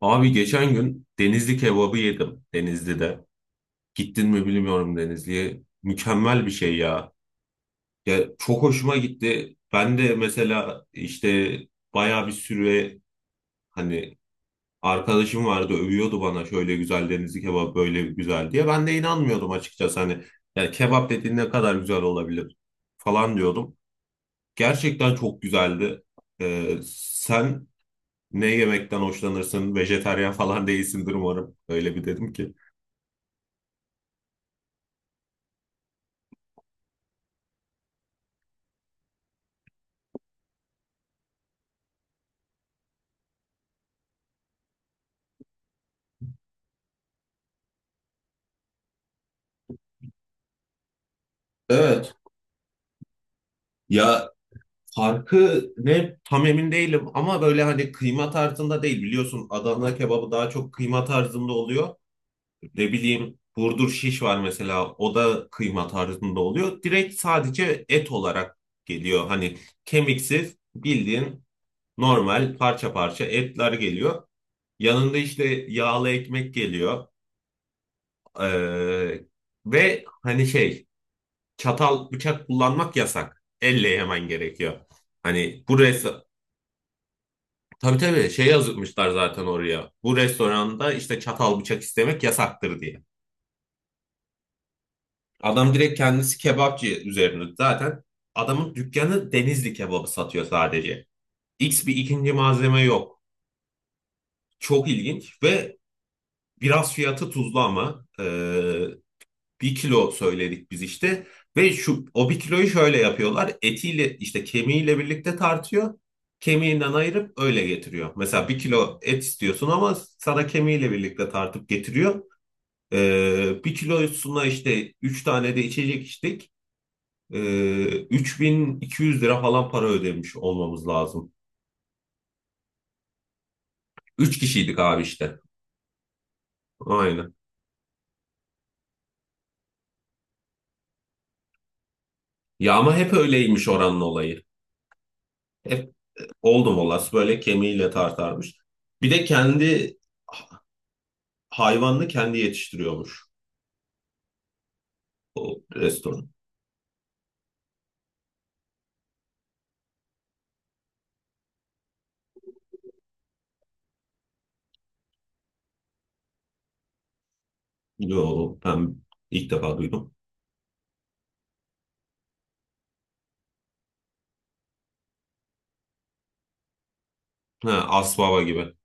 Abi geçen gün Denizli kebabı yedim Denizli'de. Gittin mi bilmiyorum Denizli'ye. Mükemmel bir şey ya. Ya çok hoşuma gitti. Ben de mesela işte bayağı bir süre hani arkadaşım vardı övüyordu bana şöyle güzel Denizli kebabı böyle güzel diye. Ben de inanmıyordum açıkçası hani yani kebap dediğin ne kadar güzel olabilir falan diyordum. Gerçekten çok güzeldi. Sen ne yemekten hoşlanırsın? Vejetaryen falan değilsindir umarım. Öyle bir dedim ki. Evet. Ya farkı ne tam emin değilim ama böyle hani kıyma tarzında değil biliyorsun Adana kebabı daha çok kıyma tarzında oluyor. Ne bileyim Burdur şiş var mesela o da kıyma tarzında oluyor. Direkt sadece et olarak geliyor. Hani kemiksiz bildiğin normal parça parça etler geliyor. Yanında işte yağlı ekmek geliyor. Ee, ve hani şey çatal bıçak kullanmak yasak. Elle yemen gerekiyor. Hani bu restoran tabii tabii şey yazmışlar zaten oraya. Bu restoranda işte çatal bıçak istemek yasaktır diye. Adam direkt kendisi kebapçı üzerine zaten adamın dükkanı Denizli kebabı satıyor sadece. X bir ikinci malzeme yok. Çok ilginç ve biraz fiyatı tuzlu ama bir kilo söyledik biz işte. Ve şu o bir kiloyu şöyle yapıyorlar. Etiyle işte kemiğiyle birlikte tartıyor. Kemiğinden ayırıp öyle getiriyor. Mesela bir kilo et istiyorsun ama sana kemiğiyle birlikte tartıp getiriyor. Bir kilosuna işte 3 tane de içecek içtik. 3.200 lira falan para ödemiş olmamız lazım. 3 kişiydik abi işte. Aynen. Ya ama hep öyleymiş oranın olayı. Hep oldum olası böyle kemiğiyle tartarmış. Bir de kendi hayvanını kendi yetiştiriyormuş o restoran. Yo, ben ilk defa duydum. Ha, Asbaba gibi.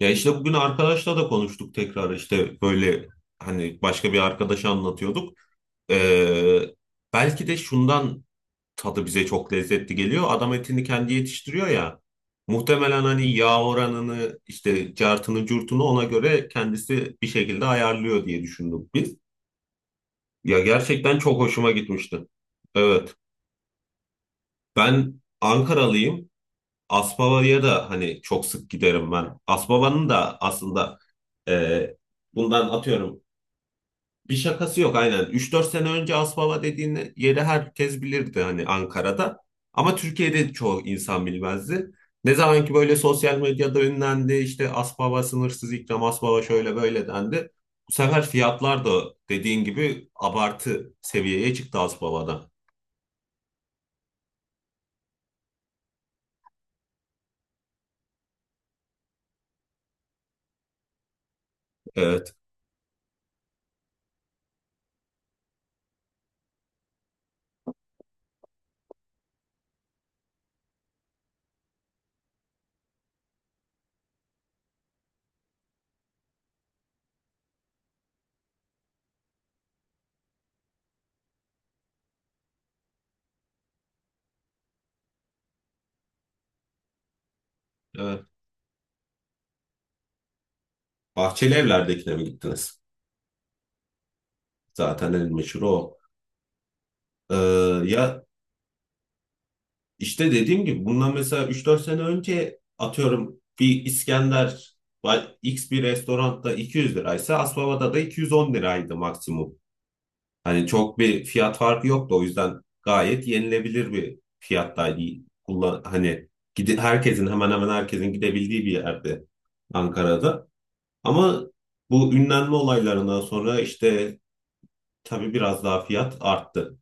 Ya işte bugün arkadaşla da konuştuk tekrar işte böyle hani başka bir arkadaşa anlatıyorduk. Ee, belki de şundan tadı bize çok lezzetli geliyor. Adam etini kendi yetiştiriyor ya. Muhtemelen hani yağ oranını işte cartını curtunu ona göre kendisi bir şekilde ayarlıyor diye düşündük biz. Ya gerçekten çok hoşuma gitmişti. Evet. Ben Ankaralıyım. Aspava'ya da hani çok sık giderim ben. Aspava'nın da aslında e, bundan atıyorum bir şakası yok aynen. Üç dört sene önce Aspava dediğin yeri herkes bilirdi hani Ankara'da. Ama Türkiye'de çoğu insan bilmezdi. Ne zaman ki böyle sosyal medyada ünlendi işte Aspava sınırsız ikram, Aspava şöyle böyle dendi. Bu sefer fiyatlar da dediğin gibi abartı seviyeye çıktı Aspava'da. Evet, evet. Bahçeli Evler'dekine mi gittiniz? Zaten el meşhur o. Ee, ya işte dediğim gibi bundan mesela üç dört sene önce atıyorum bir İskender X bir restoranda 200 liraysa Asbaba'da da 210 liraydı maksimum. Hani çok bir fiyat farkı yoktu o yüzden gayet yenilebilir bir fiyattaydı. Kullan hani gidi herkesin hemen hemen herkesin gidebildiği bir yerde Ankara'da. Ama bu ünlenme olaylarından sonra işte tabii biraz daha fiyat arttı.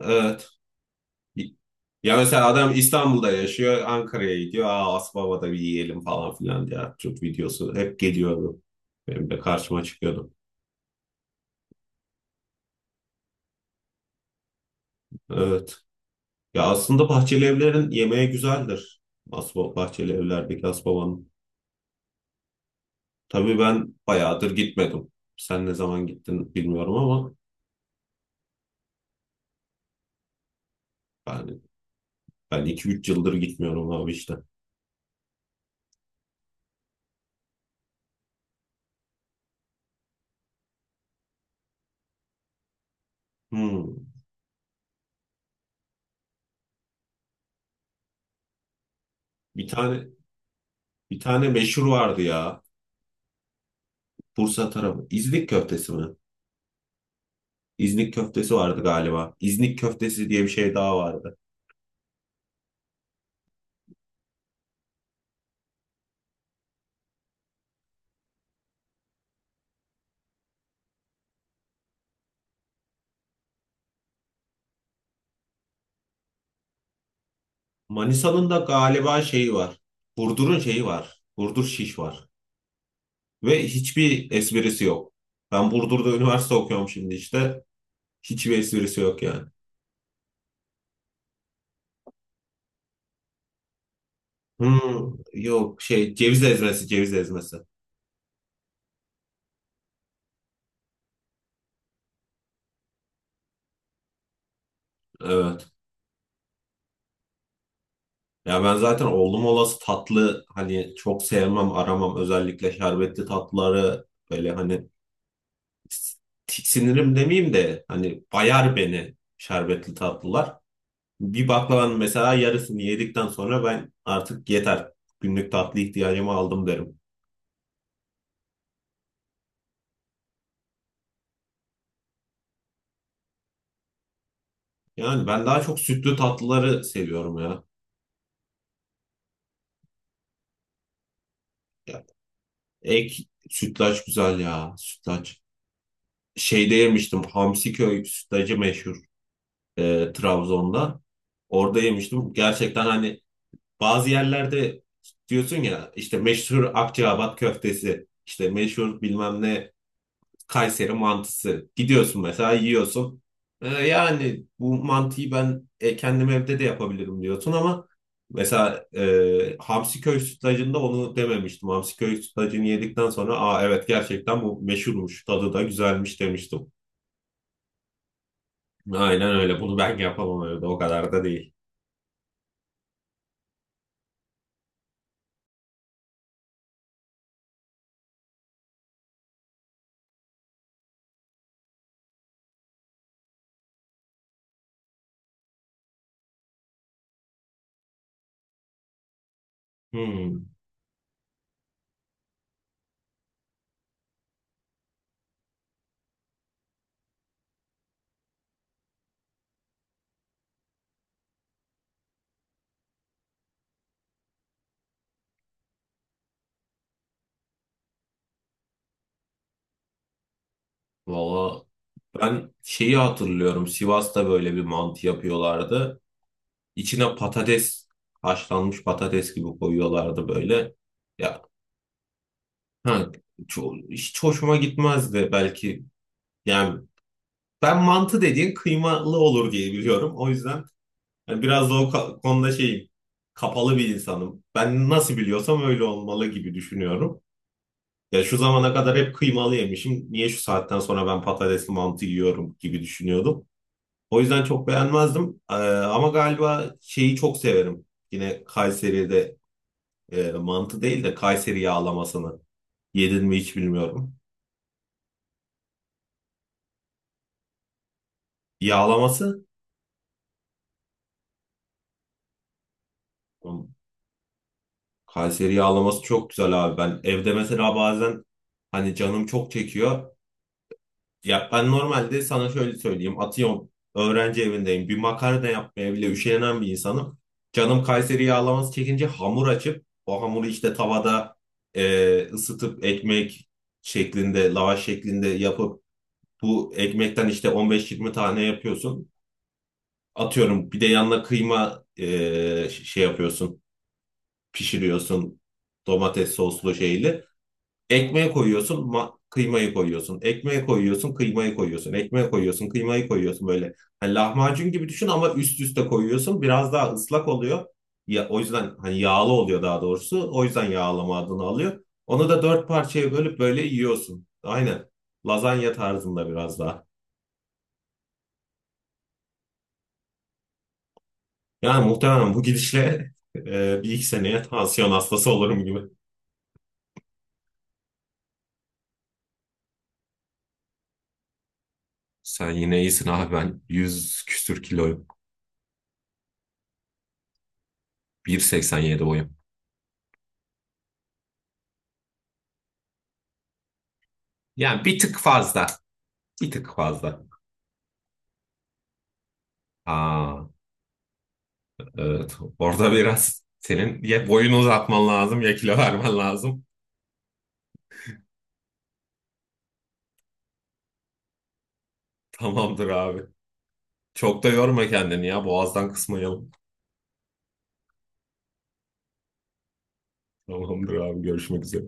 Ee, Ya mesela adam İstanbul'da yaşıyor, Ankara'ya gidiyor. Aa Asbaba'da bir yiyelim falan filan diye. Çok videosu hep geliyordu. Benim de karşıma çıkıyordu. Evet. Ya aslında bahçeli evlerin yemeği güzeldir. Asbaba, bahçeli evlerdeki Asbaba'nın. Tabii ben bayağıdır gitmedim. Sen ne zaman gittin bilmiyorum ama ben ben iki üç yıldır gitmiyorum abi işte. Hmm. Bir tane bir tane meşhur vardı ya. Bursa tarafı. İznik köftesi mi? İznik köftesi vardı galiba. İznik köftesi diye bir şey daha vardı. Manisa'nın da galiba şeyi var. Burdur'un şeyi var. Burdur şiş var. Ve hiçbir esprisi yok. Ben Burdur'da üniversite okuyorum şimdi işte. Hiçbir esprisi yok yani. Hmm, yok şey ceviz ezmesi ceviz ezmesi. Evet. Ya ben zaten oğlum olası tatlı hani çok sevmem aramam özellikle şerbetli tatlıları böyle hani tiksinirim demeyeyim de hani bayar beni şerbetli tatlılar. Bir baklavanın mesela yarısını yedikten sonra ben artık yeter günlük tatlı ihtiyacımı aldım derim. Yani ben daha çok sütlü tatlıları seviyorum ya. Ya Ek sütlaç güzel ya sütlaç. Şeyde yemiştim Hamsiköy sütlacı meşhur. Trabzon'da. Orada yemiştim. Gerçekten hani bazı yerlerde diyorsun ya işte meşhur Akçaabat köftesi, işte meşhur bilmem ne Kayseri mantısı. Gidiyorsun mesela yiyorsun. E, yani bu mantıyı ben kendim evde de yapabilirim diyorsun ama mesela hamsi köy sütlacında onu dememiştim. Hamsi köy sütlacını yedikten sonra aa evet gerçekten bu meşhurmuş, tadı da güzelmiş demiştim. Aynen öyle. Bunu ben yapamam evde. O kadar da değil. Hmm. Valla ben şeyi hatırlıyorum. Sivas'ta böyle bir mantı yapıyorlardı. İçine patates, haşlanmış patates gibi koyuyorlardı böyle. Ya ha, hiç hoşuma gitmezdi belki. Yani ben mantı dediğin kıymalı olur diye biliyorum. O yüzden yani biraz da o konuda şeyim. Kapalı bir insanım. Ben nasıl biliyorsam öyle olmalı gibi düşünüyorum. Ya şu zamana kadar hep kıymalı yemişim. Niye şu saatten sonra ben patatesli mantı yiyorum gibi düşünüyordum. O yüzden çok beğenmezdim. Ama galiba şeyi çok severim. Yine Kayseri'de mantı değil de Kayseri yağlamasını. Yedin mi hiç bilmiyorum. Yağlaması? Oğlum, Kayseri yağlaması çok güzel abi. Ben evde mesela bazen hani canım çok çekiyor. Ya ben normalde sana şöyle söyleyeyim. Atıyorum öğrenci evindeyim. Bir makarna yapmaya bile üşenen bir insanım. Canım Kayseri yağlaması çekince hamur açıp o hamuru işte tavada ısıtıp ekmek şeklinde, lavaş şeklinde yapıp bu ekmekten işte 15-20 tane yapıyorsun. Atıyorum bir de yanına kıyma şey yapıyorsun, pişiriyorsun domates soslu şeyli. Ekmeğe koyuyorsun, kıymayı koyuyorsun. Ekmeğe koyuyorsun, kıymayı koyuyorsun. Ekmeğe koyuyorsun, kıymayı koyuyorsun böyle. Hani lahmacun gibi düşün ama üst üste koyuyorsun. Biraz daha ıslak oluyor. Ya, o yüzden hani yağlı oluyor daha doğrusu. O yüzden yağlama adını alıyor. Onu da dört parçaya bölüp böyle yiyorsun. Aynen. Lazanya tarzında biraz daha. Yani muhtemelen bu gidişle bir iki seneye tansiyon hastası olurum gibi. Sen yine iyisin abi ben 100 küsür kiloyum. 1,87 boyum. Yani bir tık fazla. Bir tık fazla. Aa, evet. Orada biraz senin ya boyunu uzatman lazım ya kilo vermen lazım. Tamamdır abi. Çok da yorma kendini ya. Boğazdan kısmayalım. Tamamdır abi. Görüşmek üzere.